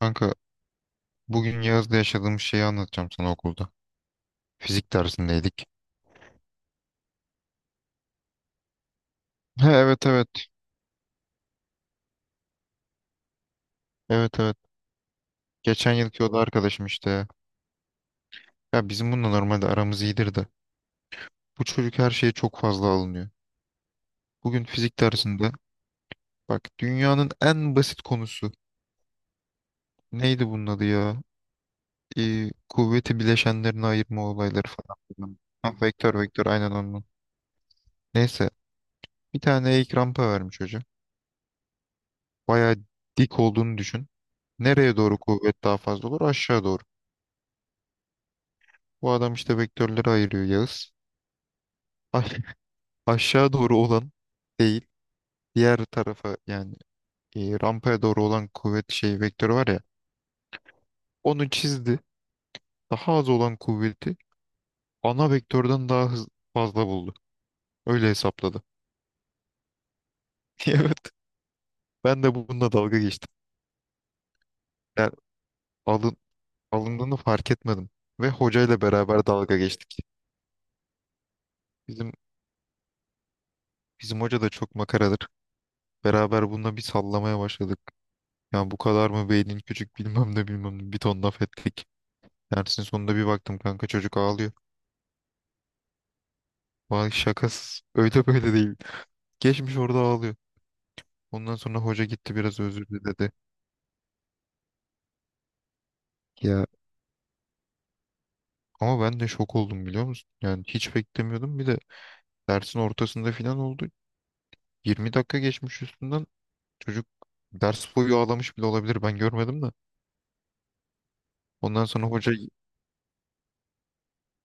Kanka, bugün yazda yaşadığım şeyi anlatacağım sana okulda. Fizik dersindeydik. He, evet, evet. Evet, evet. Geçen yılki o da arkadaşım işte. Ya bizim bununla normalde aramız iyidir de. Bu çocuk her şeye çok fazla alınıyor. Bugün fizik dersinde, bak, dünyanın en basit konusu. Neydi bunun adı ya? Kuvveti bileşenlerine ayırma olayları falan filan. Ha, vektör aynen onun. Neyse, bir tane eğik rampa vermiş hoca. Bayağı dik olduğunu düşün. Nereye doğru kuvvet daha fazla olur? Aşağı doğru. Bu adam işte vektörleri ayırıyor Yağız. Ay- Aşağı doğru olan değil, diğer tarafa yani, rampaya doğru olan kuvvet şey vektörü var ya. Onu çizdi. Daha az olan kuvveti ana vektörden daha fazla buldu. Öyle hesapladı. Evet. Ben de bununla dalga geçtim. Yani alın, alındığını fark etmedim. Ve hocayla beraber dalga geçtik. Bizim bizim hoca da çok makaradır. Beraber bununla bir sallamaya başladık. Yani bu kadar mı beynin küçük, bilmem ne bilmem ne, bir ton laf ettik. Dersin sonunda bir baktım, kanka, çocuk ağlıyor. Vay şakasız. Öyle böyle değil. Geçmiş orada ağlıyor. Ondan sonra hoca gitti, biraz özür diledi. Ya, ama ben de şok oldum, biliyor musun? Yani hiç beklemiyordum. Bir de dersin ortasında falan oldu. 20 dakika geçmiş üstünden. Çocuk ders boyu ağlamış bile olabilir. Ben görmedim de. Ondan sonra hoca,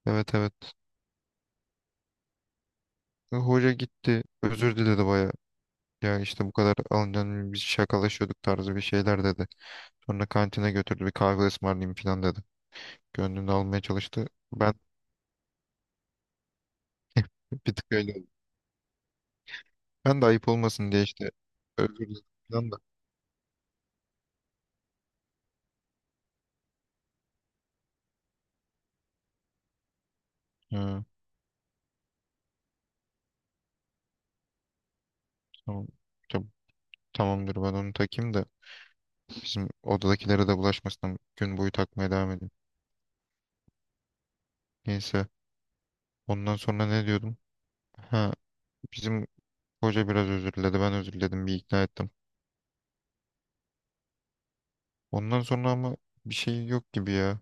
evet, evet. Hoca gitti. Özür diledi baya. Ya işte bu kadar alınca biz şakalaşıyorduk tarzı bir şeyler dedi. Sonra kantine götürdü, bir kahve ısmarlayayım falan dedi. Gönlümde almaya çalıştı. Ben bir tık öyle oldum. Ben de ayıp olmasın diye işte özür diledim falan da. Ha, tamam. Tam- Tamamdır, ben onu takayım da bizim odadakilere de bulaşmasın. Gün boyu takmaya devam edeyim. Neyse. Ondan sonra ne diyordum? Ha, bizim hoca biraz özür diledi. Ben özür diledim. Bir ikna ettim. Ondan sonra ama bir şey yok gibi ya.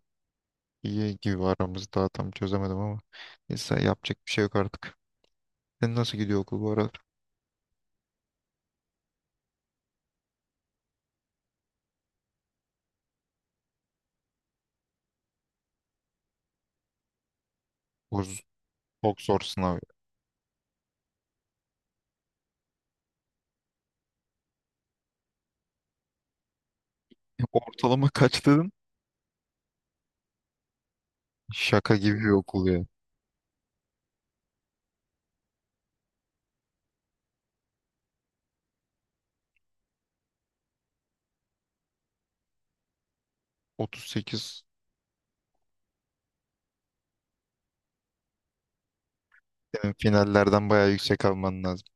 İyi gibi aramızda. Daha tam çözemedim ama. Neyse, yapacak bir şey yok artık. Sen, nasıl gidiyor okul bu arada? Boz, çok zor sınav. Ortalama kaç dedin? Şaka gibi bir okul ya. 38, senin finallerden bayağı yüksek alman lazım.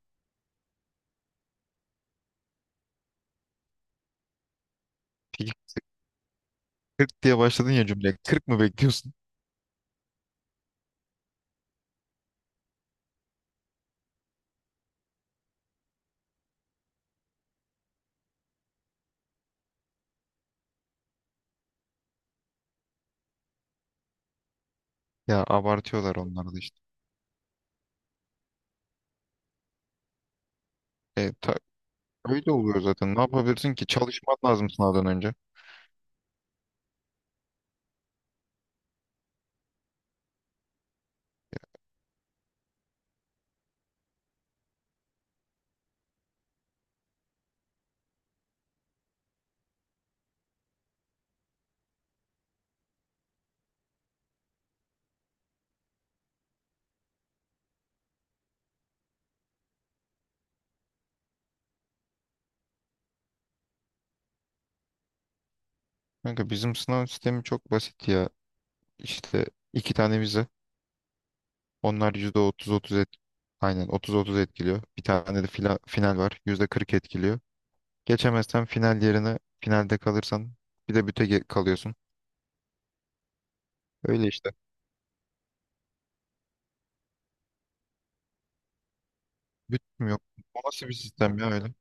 Peki, 40 diye başladın ya cümleye. 40 mı bekliyorsun? Ya, abartıyorlar onlar da işte. E, ta- Öyle oluyor zaten. Ne yapabilirsin ki? Çalışman lazım sınavdan önce. Kanka, bizim sınav sistemi çok basit ya. İşte iki tane vize. Onlar %30-30 aynen 30-30 etkiliyor. Bir tane de final var. %40 etkiliyor. Geçemezsen, final yerine finalde kalırsan, bir de büte kalıyorsun. Öyle işte. Bitmiyor. O nasıl bir sistem ya öyle? Bir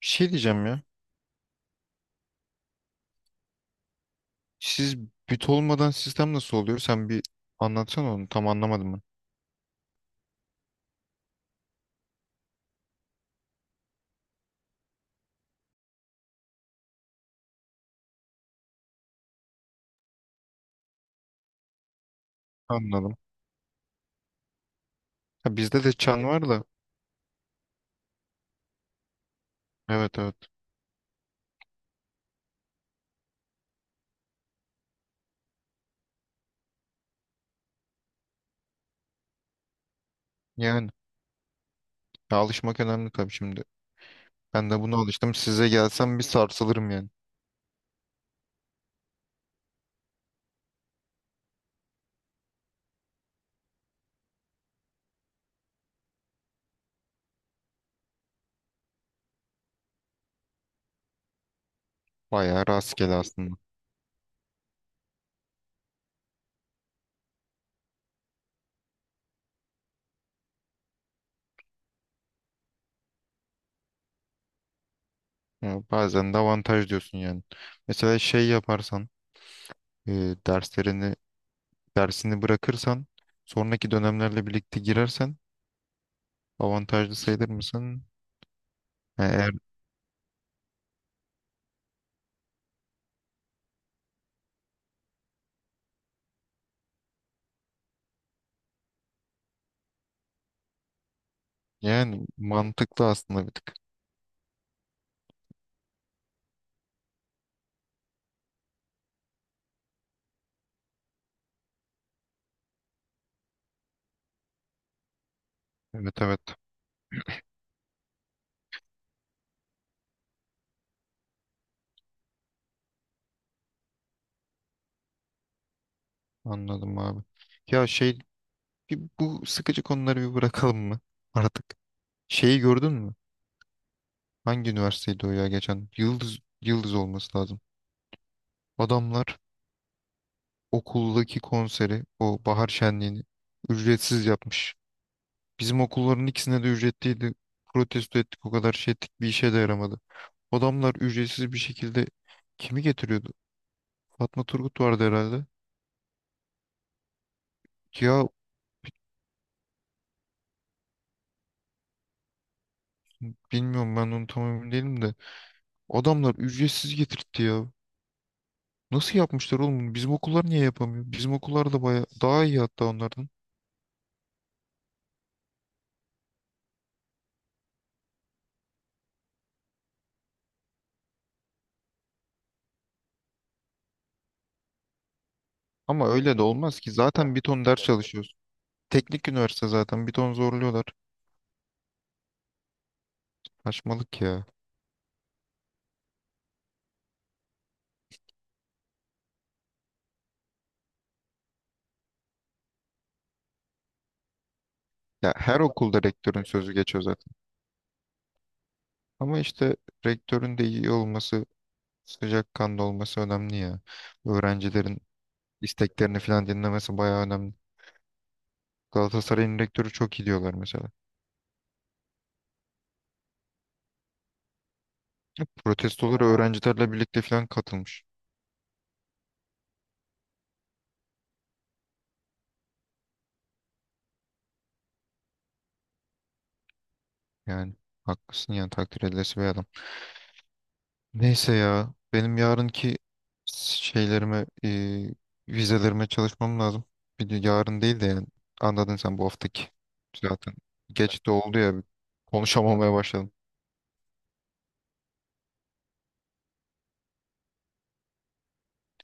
şey diyeceğim ya. Siz bit olmadan sistem nasıl oluyor? Sen bir anlatsana onu. Tam anlamadım ben. Anladım. Ha, bizde de çan var da. Evet, evet. Yani, ya, alışmak önemli tabii şimdi. Ben de buna alıştım. Size gelsem bir sarsılırım yani. Bayağı rastgele aslında. Ya, bazen de avantaj diyorsun yani. Mesela şey yaparsan, e, derslerini dersini bırakırsan, sonraki dönemlerle birlikte girersen avantajlı sayılır mısın? E, yani mantıklı aslında bir tık. Evet, evet, anladım abi. Ya, şey, bu sıkıcı konuları bir bırakalım mı artık? Şeyi gördün mü? Hangi üniversiteydi o ya geçen? Yıldız olması lazım. Adamlar okuldaki konseri, o bahar şenliğini, ücretsiz yapmış. Bizim okulların ikisine de ücretliydi. Protesto ettik, o kadar şey ettik, bir işe de yaramadı. Adamlar ücretsiz bir şekilde kimi getiriyordu? Fatma Turgut vardı herhalde. Ya bilmiyorum, ben onu tam emin değilim de. Adamlar ücretsiz getirtti ya. Nasıl yapmışlar oğlum bunu? Bizim okullar niye yapamıyor? Bizim okullar da baya daha iyi hatta onlardan. Ama öyle de olmaz ki. Zaten bir ton ders çalışıyoruz. Teknik üniversite, zaten bir ton zorluyorlar. Saçmalık ya. Ya, her okulda rektörün sözü geçiyor zaten. Ama işte rektörün de iyi olması, sıcakkanlı olması önemli ya. Öğrencilerin isteklerini falan dinlemesi bayağı önemli. Galatasaray'ın rektörü çok iyi diyorlar mesela. Protestolara öğrencilerle birlikte falan katılmış. Yani haklısın, yani takdir edilesi bir adam. Neyse ya, benim yarınki şeylerime, vizelerime çalışmam lazım. Bir de yarın değil de yani, anladın sen, bu haftaki. Zaten geç de oldu ya, konuşamamaya başladım.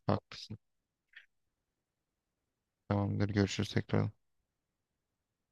Haklısın. Tamamdır, görüşürüz tekrar.